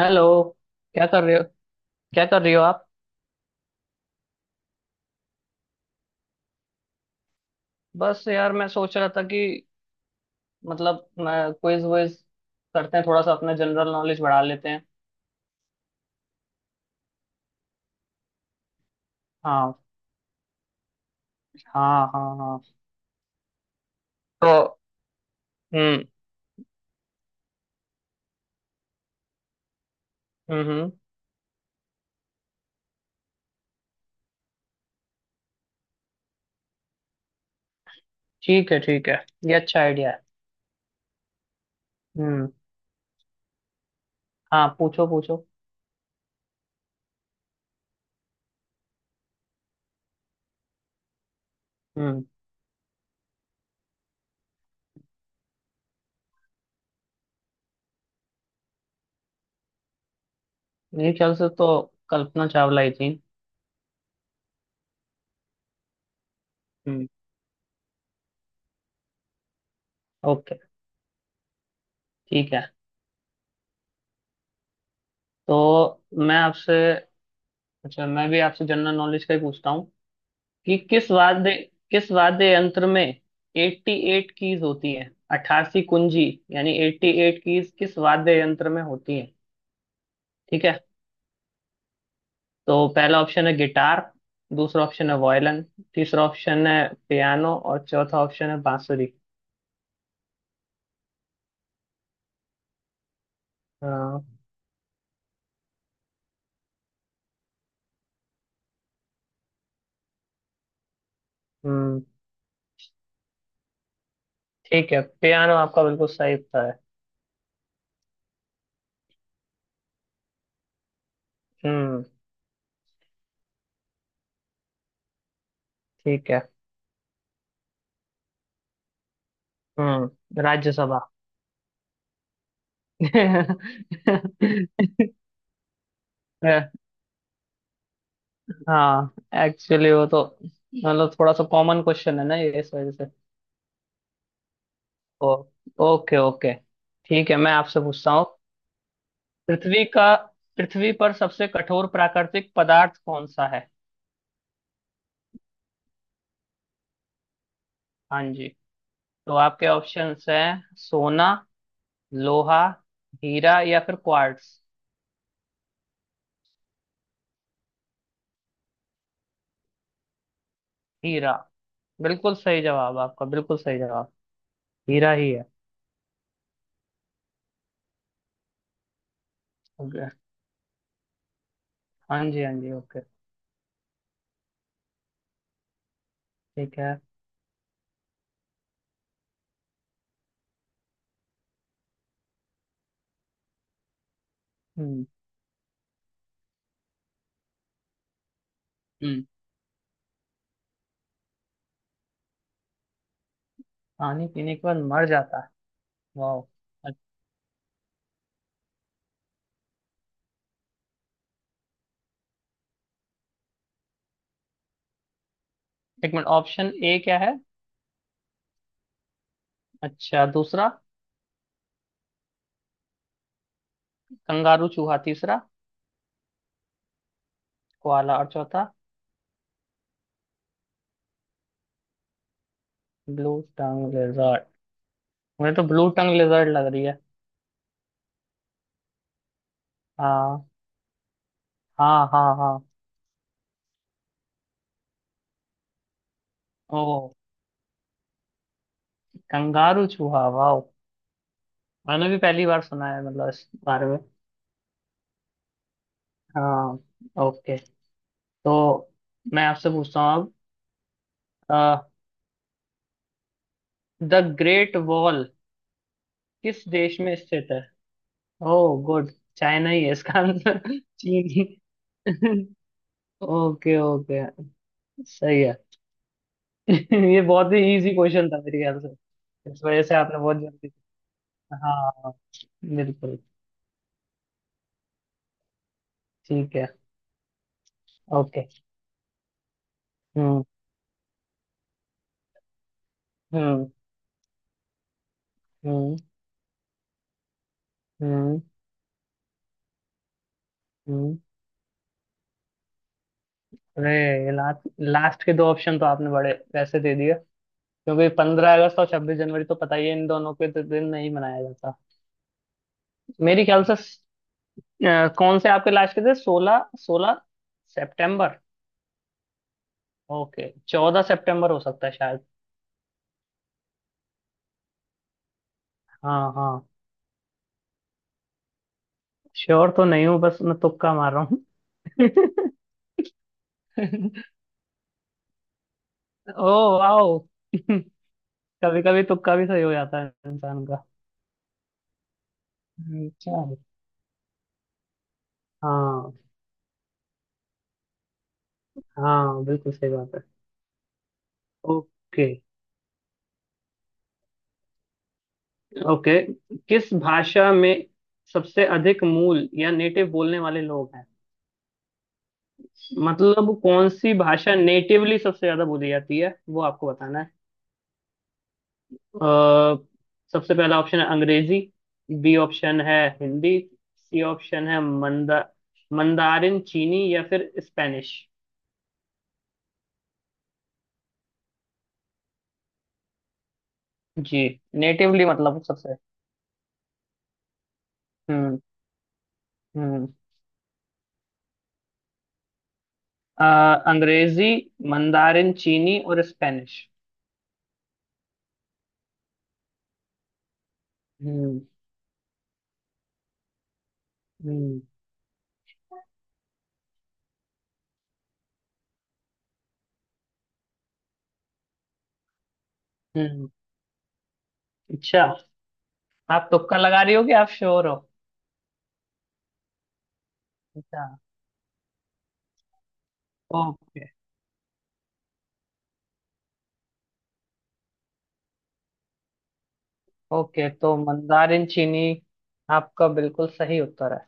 Hello. क्या कर रहे हो? क्या कर रही हो आप? बस यार, मैं सोच रहा था कि मतलब मैं क्विज वुइज करते हैं, थोड़ा सा अपना जनरल नॉलेज बढ़ा लेते हैं। हाँ हाँ हाँ। हाँ। तो। हम्म। हम्म। ठीक है, ठीक है। ये अच्छा आइडिया है। हम्म। हाँ, पूछो पूछो। हम्म। मेरे ख्याल से तो कल्पना चावला ही थी। हम्म। ओके। ठीक है। तो मैं आपसे... अच्छा, मैं भी आपसे जनरल नॉलेज का ही पूछता हूँ कि किस वाद्य यंत्र में 88 कीज होती है। 88 कुंजी यानी 88 कीज किस वाद्य यंत्र में होती है। ठीक है। तो पहला ऑप्शन है गिटार, दूसरा ऑप्शन है वायलिन, तीसरा ऑप्शन है पियानो और चौथा ऑप्शन है बांसुरी। हाँ, हम्म। ठीक है, पियानो आपका बिल्कुल सही उत्तर है। हम्म। ठीक है। राज्यसभा। हाँ। एक्चुअली वो तो मतलब थोड़ा सा कॉमन क्वेश्चन है ना, ये, इस वजह से। ओ। Okay okay. ठीक है, मैं आपसे पूछता हूँ पृथ्वी का पृथ्वी पर सबसे कठोर प्राकृतिक पदार्थ कौन सा है? हाँ जी। तो आपके ऑप्शंस हैं सोना, लोहा, हीरा या फिर क्वार्ट्स। हीरा। बिल्कुल सही जवाब आपका, बिल्कुल सही जवाब। हीरा ही है। ओके। हाँ जी, हाँ जी। ओके। ठीक है। हम्म। हम्म पानी पीने के बाद मर जाता है। वाह। एक मिनट, ऑप्शन ए क्या है? अच्छा, दूसरा? कंगारू चूहा। तीसरा? कोआला और चौथा? Blue... tongue lizard. मुझे तो ब्लू टंग लेजर्ड लग रही है। हाँ। हाँ हाँ हाँ। ओ। कंगारू चूहा, वाह। मैंने भी पहली बार सुना है, मतलब इस बारे में। हाँ। ओके। तो मैं आपसे पूछता हूँ अब द ग्रेट वॉल किस देश में स्थित है। Oh, good. चाइना ही है इसका आंसर। चीन ही। Okay okay. सही है। ये बहुत ही इजी क्वेश्चन था मेरे ख्याल से। इस वजह से आपने बहुत जल्दी... हाँ, बिल्कुल। ठीक है। ओके। हम्म। हम्म। हम्म। हम्म। हम्म। अरे, लास्ट... लास्ट के दो ऑप्शन तो आपने बड़े वैसे दे दिए, क्योंकि 15 अगस्त और 26 जनवरी तो पता ही है, इन दोनों के तो दिन नहीं मनाया जाता मेरे ख्याल से। कौन से आपके लास्ट के थे? सोलह... 16 सितंबर? ओके, 14 सितंबर हो सकता है शायद। हाँ हाँ। श्योर तो नहीं हूँ, बस मैं तुक्का मार रहा हूँ। ओ, वाओ। कभी कभी तुक्का भी सही हो जाता है इंसान का। अच्छा। हाँ, हाँ बिल्कुल सही बात है। ओके। ओके। किस भाषा में सबसे अधिक मूल या नेटिव बोलने वाले लोग हैं? मतलब कौन सी भाषा नेटिवली सबसे ज्यादा बोली जाती है, वो आपको बताना है। अ, सबसे पहला ऑप्शन है अंग्रेजी, बी ऑप्शन है हिंदी, सी ऑप्शन है मंदारिन चीनी या फिर स्पेनिश। जी, नेटिवली मतलब सबसे... हम्म। हम्म। अ, अंग्रेजी, मंदारिन चीनी और स्पेनिश। हम्म। हम्म। हम्म। अच्छा, आप तुक्का लगा रही हो कि आप श्योर हो? अच्छा। ओके। ओके तो मंदारिन चीनी आपका बिल्कुल सही उत्तर है।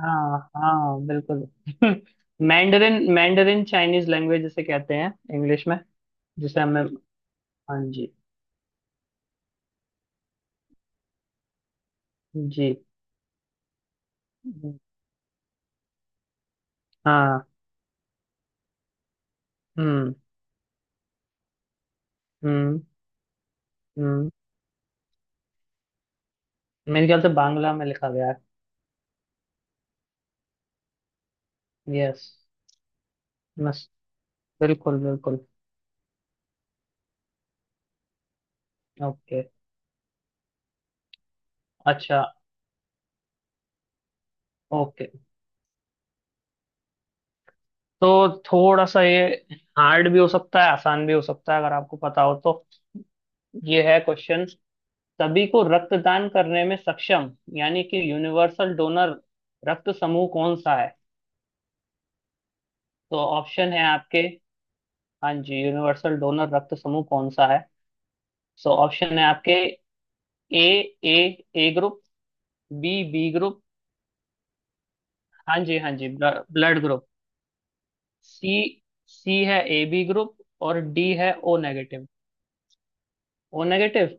हाँ हाँ, बिल्कुल। मैंडरिन, मैंडरिन चाइनीज लैंग्वेज जिसे कहते हैं इंग्लिश में, जिसे हमें... हाँ जी। जी। हम्म। हाँ। हम्म। हम्म। हम्म। मेरे ख्याल से बांग्ला में लिखा गया है, यस। बस, बिल्कुल बिल्कुल। ओके। अच्छा, ओके। तो थोड़ा सा ये हार्ड भी हो सकता है, आसान भी हो सकता है, अगर आपको पता हो तो। ये है क्वेश्चन: सभी को रक्तदान करने में सक्षम, यानी कि यूनिवर्सल डोनर रक्त समूह कौन सा है? तो ऑप्शन है आपके... हाँ जी, यूनिवर्सल डोनर रक्त समूह कौन सा है? सो ऑप्शन है आपके A... A... A group, B B group... हाँ जी, हाँ जी, ब्लड ग्रुप। सी... सी है ए बी ग्रुप और डी है O negative. O negative.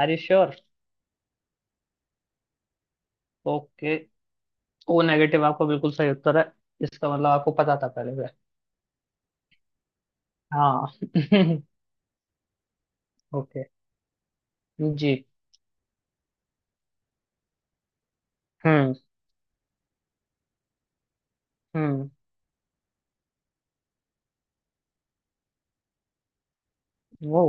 Are you sure? Okay, O negative आपका बिल्कुल सही उत्तर है। इसका मतलब आपको पता था पहले से? हाँ। ओके। जी। हम्म। हम्म। वो...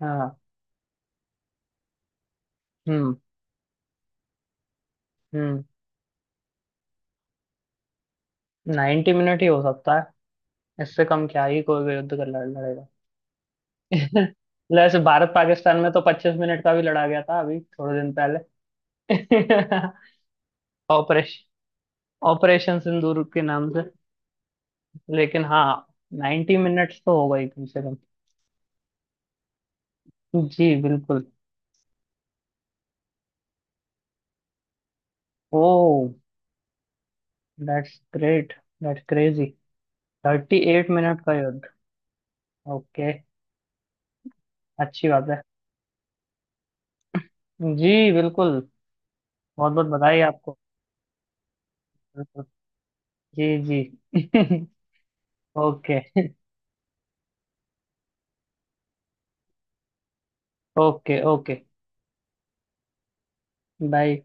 हाँ। हम्म। हम्म 90 मिनट ही हो सकता है। इससे कम क्या ही कोई भी युद्ध कर लड़ेगा। वैसे भारत पाकिस्तान में तो 25 मिनट का भी लड़ा गया था अभी थोड़े दिन पहले। ऑपरेशन, ऑपरेशन सिंदूर के नाम से। लेकिन हाँ, 90 मिनट्स तो होगा ही कम से कम। जी बिल्कुल। Oh, that's great. That's crazy. 38 minute का युद्ध। ओके। अच्छी बात है। जी बिल्कुल। बहुत बहुत बधाई आपको। बिल्कुल। जी जी। ओके। ओके। Okay bye.